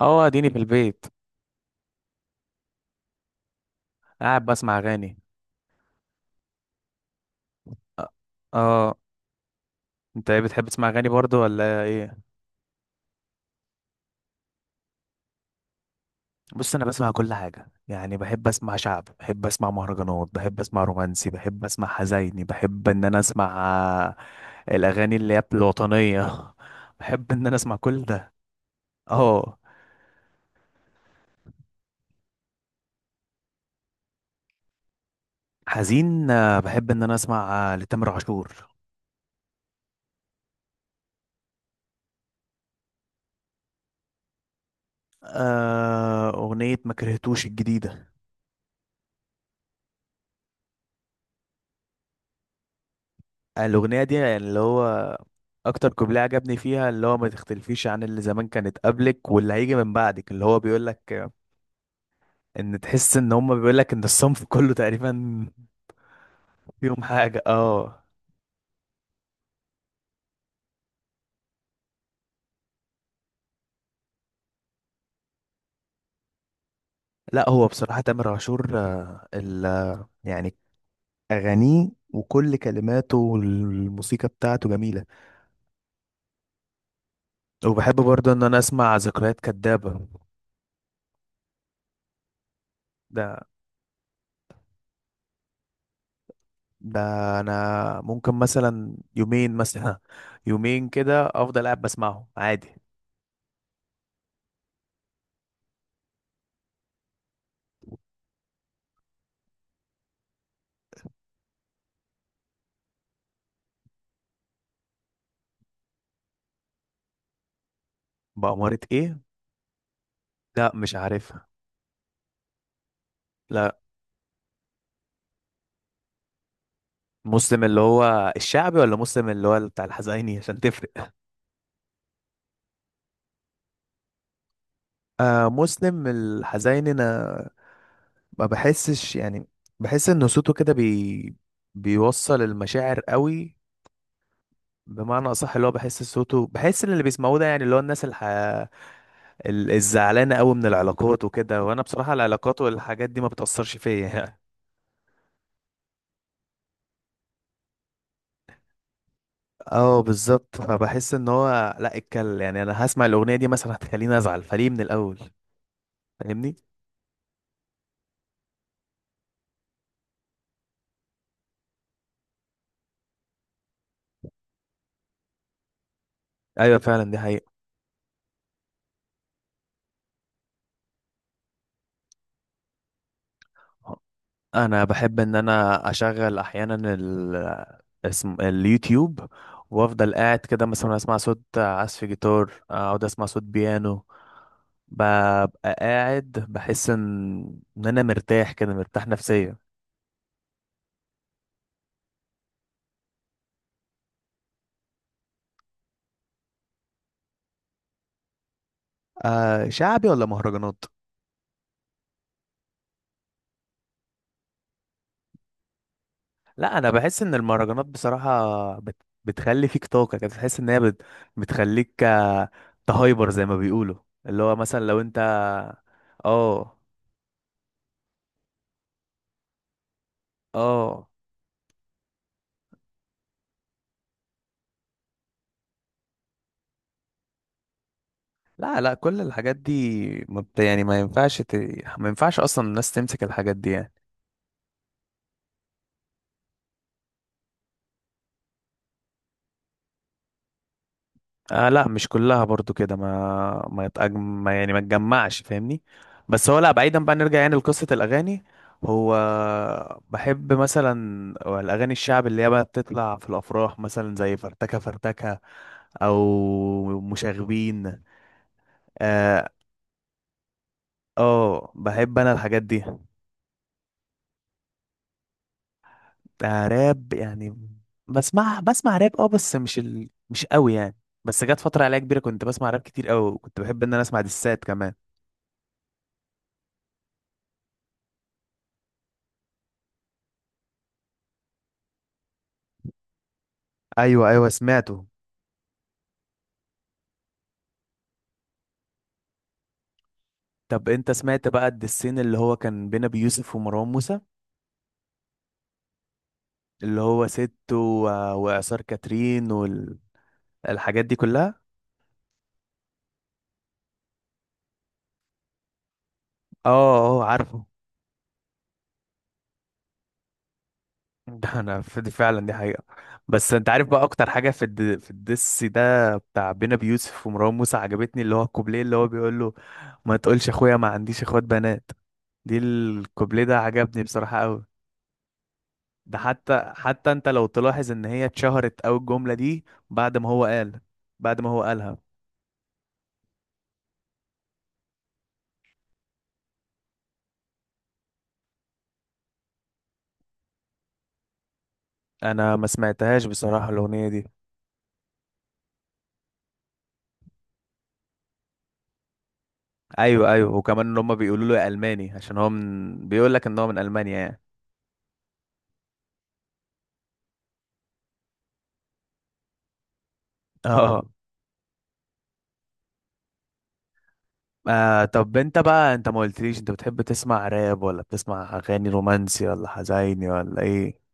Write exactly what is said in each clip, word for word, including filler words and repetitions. اه، اديني في البيت. قاعد بسمع اغاني. أ- اه انت ايه بتحب تسمع اغاني برضو ولا ايه؟ بص، انا بسمع كل حاجه. يعني بحب اسمع شعب، بحب اسمع مهرجانات، بحب اسمع رومانسي، بحب اسمع حزيني، بحب ان انا اسمع آه، الاغاني اللي هي الوطنيه بحب ان انا اسمع كل ده. اه. حزين، آه، بحب ان انا اسمع، آه، لتامر عاشور. آه، اغنيه ما كرهتوش الجديده. الاغنيه دي يعني اللي هو اكتر كوبليه عجبني فيها، اللي هو ما تختلفيش عن اللي زمان كانت قبلك واللي هيجي من بعدك، اللي هو بيقول لك ان تحس ان هم بيقول لك ان الصنف كله تقريبا فيهم حاجه. اه. لا هو بصراحه تامر عاشور آه، ال يعني اغانيه وكل كلماته والموسيقى بتاعته جميله. وبحب برضه ان انا اسمع ذكريات كدابه. ده ده انا ممكن مثلا يومين، مثلا يومين كده افضل قاعد بسمعه عادي. بأمارة ايه؟ لا، مش عارفها. لا، مسلم اللي هو الشعبي ولا مسلم اللي هو بتاع الحزيني عشان تفرق؟ آه، مسلم الحزيني. انا ما بحسش يعني. بحس ان صوته كده بي بيوصل المشاعر قوي. بمعنى اصح، اللي هو بحس صوته، بحس ان اللي بيسمعوه ده يعني اللي هو الناس الح... ال- الزعلانه قوي من العلاقات وكده. وانا بصراحه العلاقات والحاجات دي ما بتاثرش فيا يعني. اه، بالظبط. فبحس ان هو لا اتكل، يعني انا هسمع الاغنيه دي مثلا هتخليني ازعل، فليه من الاول؟ فاهمني؟ ايوه، فعلا دي حقيقه. انا بحب ان انا اشغل احيانا ال... اسم اليوتيوب، وافضل قاعد كده مثلا اسمع صوت عزف جيتار، اقعد اسمع صوت بيانو. ببقى قاعد بحس ان ان انا مرتاح كده، مرتاح نفسيا. آه، شعبي ولا مهرجانات؟ لا، انا بحس ان المهرجانات بصراحة بت... بتخلي فيك طاقة كده، تحس ان هي بت... بتخليك آه، تهايبر زي ما بيقولوا. اللي هو مثلا لو انت. اه. اه. لا لا كل الحاجات دي مبت... يعني ما ينفعش ت... ما ينفعش اصلا الناس تمسك الحاجات دي يعني. آه لا، مش كلها برضو كده. ما ما, يتأج... ما يعني ما تجمعش، فاهمني؟ بس هو لا، بعيدا بقى نرجع يعني لقصة الاغاني. هو بحب مثلا الاغاني الشعب اللي هي بقى بتطلع في الافراح، مثلا زي فرتكه فرتكه، او مشاغبين. اه. آه، بحب انا الحاجات دي. آه، راب يعني؟ بسمع بسمع راب اه، بس مش ال... مش قوي يعني. بس جت فترة عليا كبيرة كنت بسمع راب كتير قوي، وكنت بحب ان انا اسمع دسات كمان. ايوه ايوه، سمعته. طب انت سمعت بقى الدسين اللي هو كان بين ابي يوسف ومروان موسى، اللي هو ست و... وإعصار كاترين والحاجات دي كلها؟ اه. اه، عارفه. ده انا ف- دي فعلا دي حقيقة. بس انت عارف بقى اكتر حاجة في الد... في الدس ده بتاع بينا بيوسف ومروان موسى عجبتني، اللي هو الكوبليه اللي هو بيقول له: ما تقولش اخويا ما عنديش اخوات بنات. دي الكوبليه ده عجبني بصراحة قوي. ده حتى حتى انت لو تلاحظ ان هي اتشهرت قوي الجملة دي بعد ما هو قال، بعد ما هو قالها. انا ما سمعتهاش بصراحة الاغنية دي. ايوه ايوه، وكمان ان هم بيقولوا له يا الماني عشان هو من بيقول لك ان هو من المانيا يعني. اه. آه طب انت بقى، انت ما قلتليش انت بتحب تسمع راب ولا بتسمع اغاني رومانسي ولا حزيني ولا ايه؟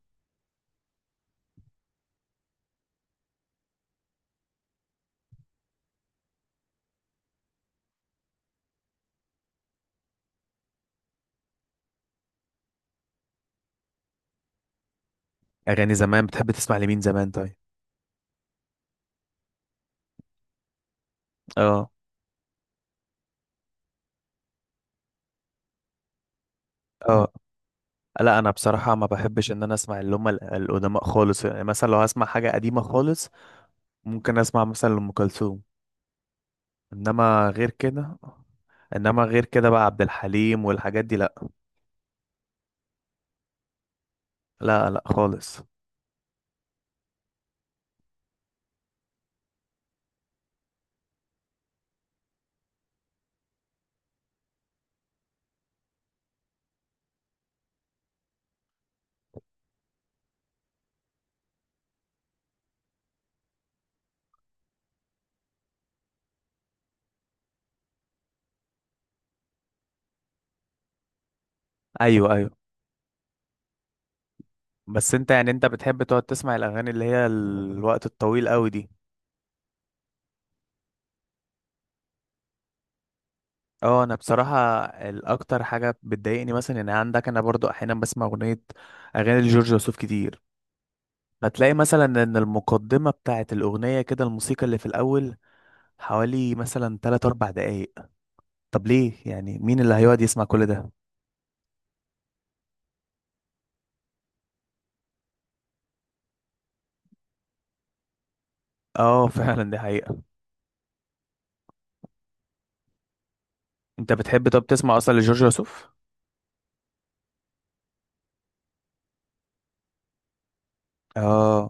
اغاني زمان بتحب تسمع لمين زمان طيب؟ اه. اه. لا انا بصراحة ما بحبش ان انا اسمع اللي هم ال- القدماء خالص. يعني مثلا لو هسمع حاجة قديمة خالص ممكن اسمع مثلا لأم كلثوم. انما غير كده، انما غير كده بقى عبد الحليم والحاجات دي لا. لا، لا خالص. ايوه ايوه. بس انت يعني انت بتحب تقعد تسمع الاغاني اللي هي الوقت الطويل قوي دي؟ اه انا بصراحه الاكتر حاجه بتضايقني مثلا ان عندك، انا برضو احيانا بسمع اغنيه، اغاني لجورج وسوف كتير، فتلاقي مثلا ان المقدمه بتاعه الاغنيه كده، الموسيقى اللي في الاول حوالي مثلا تلاتة اربع دقائق. طب ليه؟ يعني مين اللي هيقعد يسمع كل ده؟ اه فعلا دي حقيقه. انت بتحب طب تسمع اصلا لجورج وسوف؟ اه.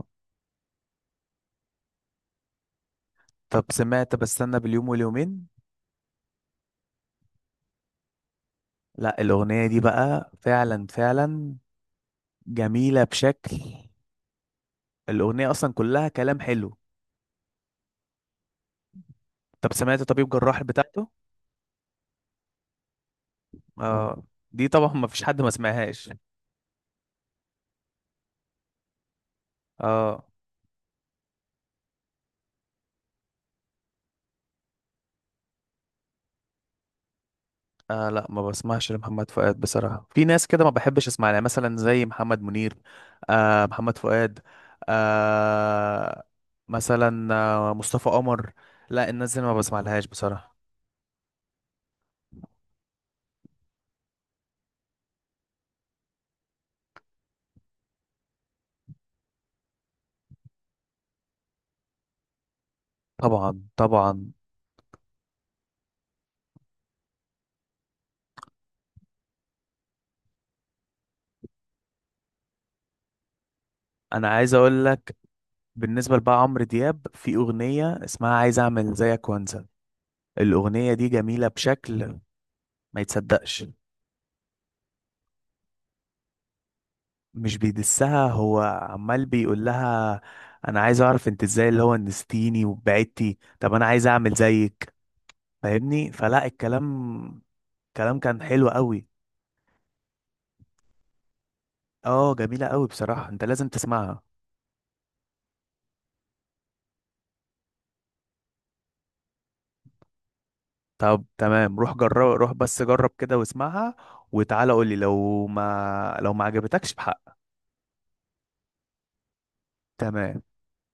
طب سمعت بستنى باليوم واليومين؟ لا الاغنيه دي بقى فعلا فعلا جميله بشكل. الاغنيه اصلا كلها كلام حلو. طب سمعت طبيب جراح بتاعته؟ اه، دي طبعا ما فيش حد ما سمعهاش. اه. آه لا، ما بسمعش لمحمد فؤاد بصراحة. في ناس كده ما بحبش اسمع لها، مثلا زي محمد منير، آه محمد فؤاد، آه، مثلا آه مصطفى قمر. لا الناس دي أنا ما بسمع لهاش بصراحة. طبعا طبعا. انا عايز اقول لك بالنسبة لبقى عمرو دياب، في اغنية اسمها عايز اعمل زيك وانسى. الاغنية دي جميلة بشكل ما يتصدقش. مش بيدسها، هو عمال بيقول لها: انا عايز اعرف انت ازاي اللي هو نستيني وبعدتي، طب انا عايز اعمل زيك. فاهمني؟ فلا، الكلام، الكلام كان حلو قوي. اه جميلة قوي بصراحة، انت لازم تسمعها. طب تمام، روح جرب، روح بس جرب كده واسمعها، وتعالى قولي لو ما، لو ما عجبتكش بحق. تمام.